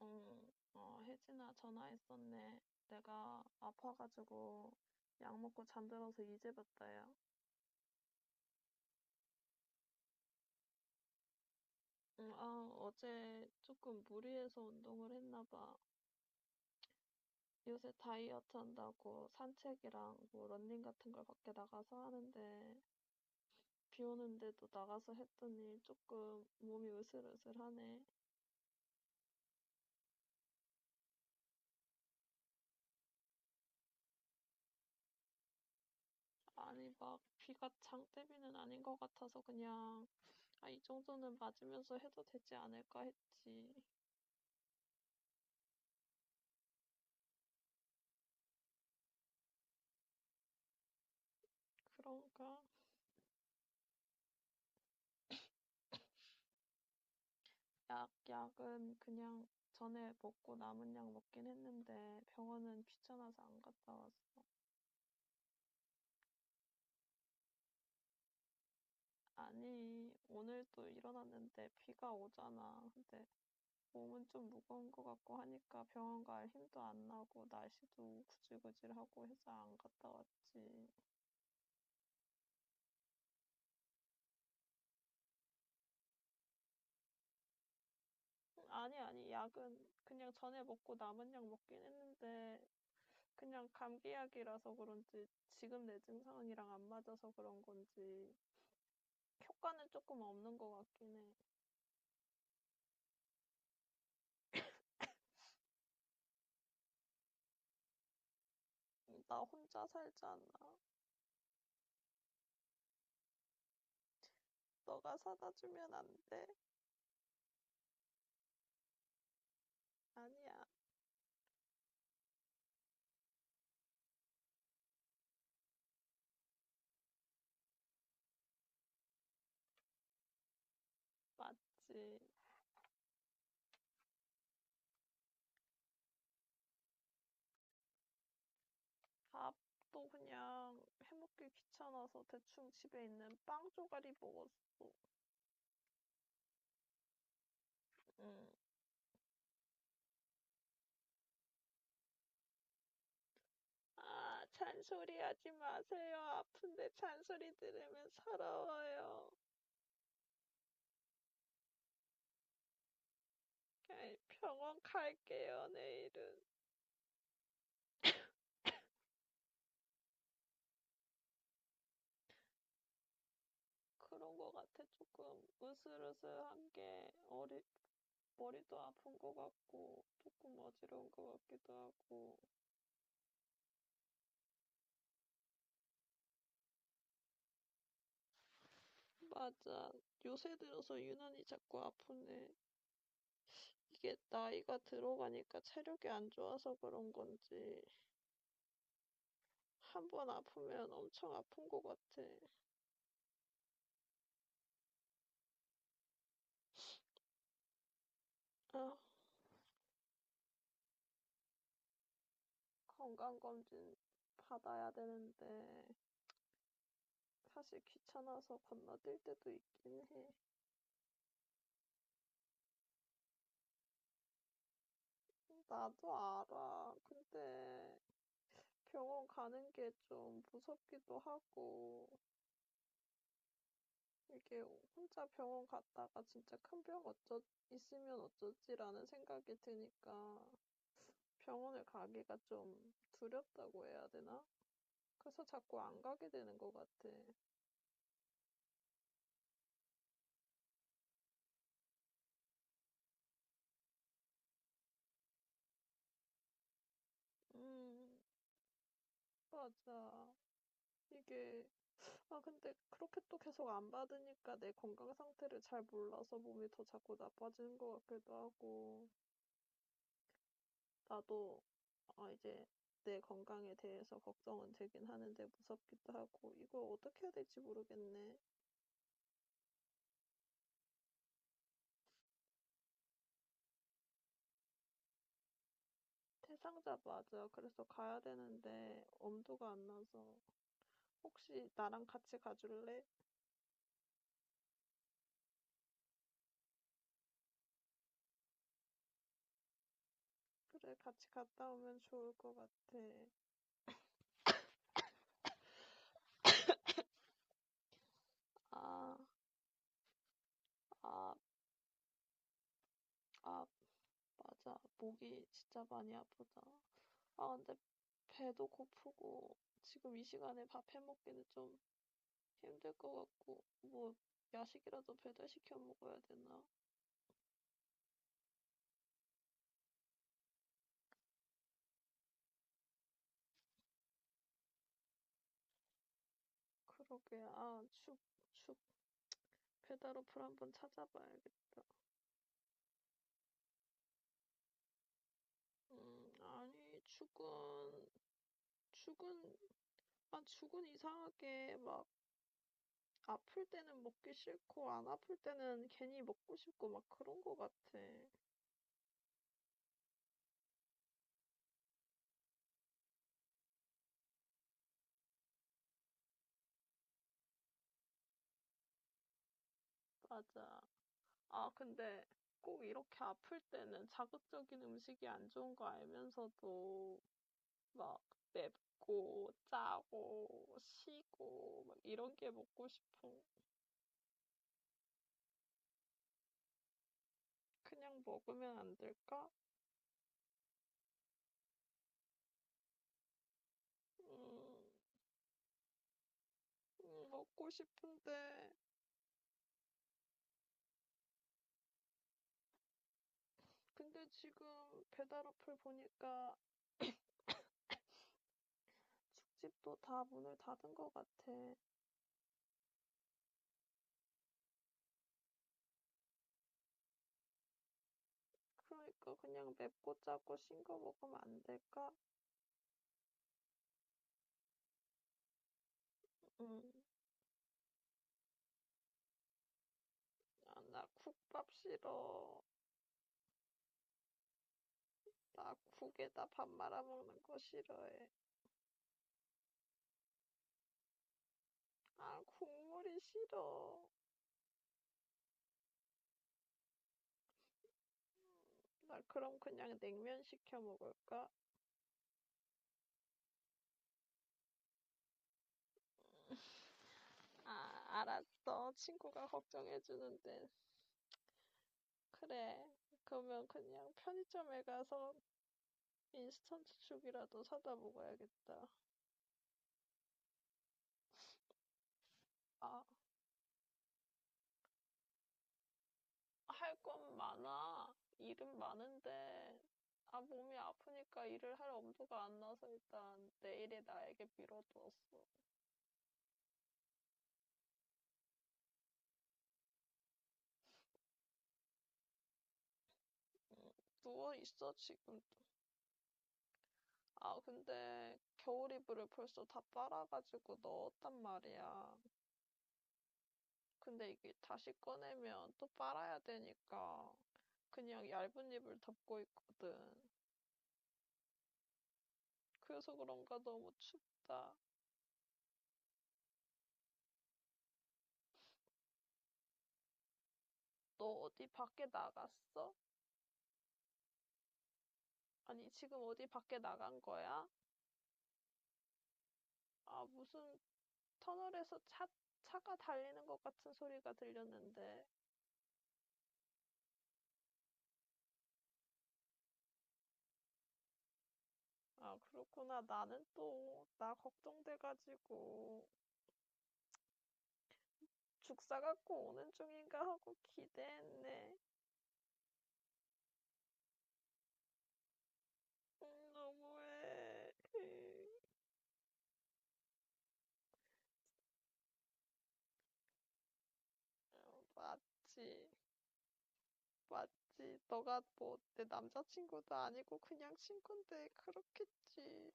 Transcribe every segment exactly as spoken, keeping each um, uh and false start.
응, 어, 혜진아, 전화했었네. 내가 아파가지고 약 먹고 잠들어서 이제 봤다, 야. 응, 아, 어제 조금 무리해서 운동을 했나 봐. 요새 다이어트 한다고 산책이랑 뭐 러닝 같은 걸 밖에 나가서 하는데 비 오는데도 나가서 했더니 조금 몸이 으슬으슬하네. 아니, 막 비가 장대비는 아닌 것 같아서 그냥 아, 이 정도는 맞으면서 해도 되지 않을까 했지. 그런가? 약, 약은 그냥 전에 먹고 남은 약 먹긴 했는데 병원은 귀찮아서 안 갔다 왔어. 아니, 오늘도 일어났는데 비가 오잖아. 근데 몸은 좀 무거운 것 같고 하니까 병원 갈 힘도 안 나고 날씨도 구질구질하고 해서 안 갔다 왔지. 아니, 아니, 약은 그냥 전에 먹고 남은 약 먹긴 했는데 그냥 감기약이라서 그런지 지금 내 증상이랑 안 맞아서 그런 건지 효과는 조금 없는 것 같긴 해. 음, 나 혼자 살잖아. 너가 사다 주면 안 돼? 아니야. 맞지. 밥도 그냥 해먹기 귀찮아서 대충 집에 있는 빵 조가리 먹었어. 응. 아, 잔소리 하지 마세요. 아픈데 잔소리 들으면 서러워요. 에이, 병원 갈게요, 내일은. 그런 거 같아, 조금. 으슬으슬한 게, 어리, 머리도 아픈 거 같고, 조금 어지러운 거 같기도 하고. 맞아. 요새 들어서 유난히 자꾸 아프네. 이게 나이가 들어가니까 체력이 안 좋아서 그런 건지, 한번 아프면 엄청 아픈 것 같아. 아, 건강검진 받아야 되는데, 사실 귀찮아서 건너뛸 때도 있긴 해. 나도 알아. 근데 병원 가는 게 좀 무섭기도 하고, 이게 혼자 병원 갔다가 진짜 큰 병 어쩌, 있으면 어쩌지라는 생각이 드니까 병원을 가기가 좀 두렵다고 해야 되나? 그래서 자꾸 안 가게 되는 것 같아. 음, 맞아. 이게, 아, 근데 그렇게 또 계속 안 받으니까 내 건강 상태를 잘 몰라서 몸이 더 자꾸 나빠지는 것 같기도 하고, 나도, 아, 이제 내 건강에 대해서 걱정은 되긴 하는데 무섭기도 하고, 이걸 어떻게 해야 될지 모르겠네. 대상자 맞아. 그래서 가야 되는데 엄두가 안 나서 혹시 나랑 같이 가줄래? 그래, 같이 갔다 오면 좋을 것 같아. 아, 아, 아, 맞아. 목이 진짜 많이 아프다. 아, 근데 배도 고프고 지금 이 시간에 밥 해 먹기는 좀 힘들 것 같고 뭐 야식이라도 배달시켜 먹어야 되나? 그러게. 아, 죽, 죽 배달 어플 한번 찾아봐야겠다. 음, 아니, 죽은 죽은 아 죽은 이상하게 막 아플 때는 먹기 싫고 안 아플 때는 괜히 먹고 싶고 막 그런 거 같아. 맞아. 아 근데 꼭 이렇게 아플 때는 자극적인 음식이 안 좋은 거 알면서도 막 맵고 짜고 시고 막 이런 게 먹고 싶은 그냥 먹으면 안 될까? 음, 음, 먹고 싶은데 근데 지금 배달 어플 보니까 죽집도 다 문을 닫은 것 같아. 그러니까 그냥 맵고 짜고 싱거 먹으면 안 될까? 음, 아, 나 국밥 싫어. 나 국에다 밥 말아 먹는 거 싫어해. 아, 국물이 싫어. 나 그럼 그냥 냉면 시켜 먹을까? 아, 알았어. 친구가 걱정해주는데. 그래. 그러면 그냥 편의점에 가서 인스턴트 죽이라도 사다 먹어야겠다. 아, 할 건 많아. 일은 많은데, 아, 몸이 아프니까 일을 할 엄두가 안 나서 일단 내일에 나에게 미뤄두었어. 누워 있어, 지금. 아, 근데 겨울 이불을 벌써 다 빨아가지고 넣었단 말이야. 근데 이게 다시 꺼내면 또 빨아야 되니까 그냥 얇은 이불 덮고 있거든. 그래서 그런가 너무 춥다. 너 어디 밖에 나갔어? 아니, 지금 어디 밖에 나간 거야? 아, 무슨 터널에서 차, 차가 달리는 것 같은 소리가 들렸는데, 아, 그렇구나. 나는 또, 나 걱정돼가지고, 죽사 갖고 오는 중인가 하고 기대했네. 음, 너무해. 맞지. 맞지. 너가 뭐, 내 남자친구도 아니고 그냥 친구인데, 그렇겠지.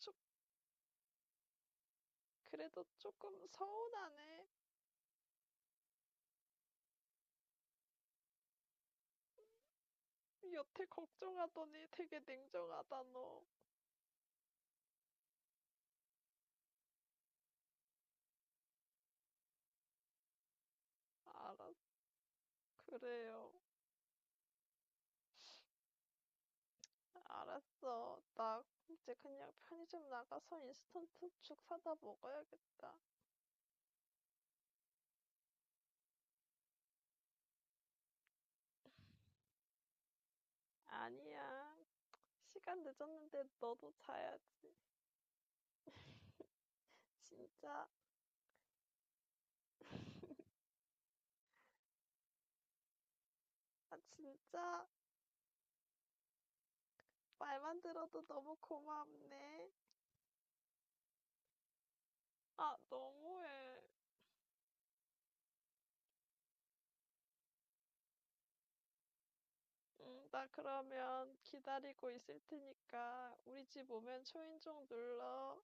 좀, 그래도 조금 서운하네. 여태 걱정하더니 되게 냉정하다, 너. 알았어. 그래요. 알았어. 나 이제 그냥 편의점 나가서 인스턴트 죽 사다 먹어야겠다. 아니야. 시간 늦었는데 너도 자야지. 진짜. 아, 진짜. 말만 들어도 너무 고맙네. 아, 너무해. 응, 나 그러면 기다리고 있을 테니까 우리 집 오면 초인종 눌러.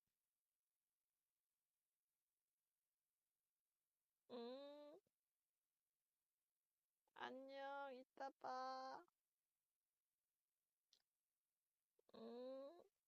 응, 안녕. 이따 봐. 응.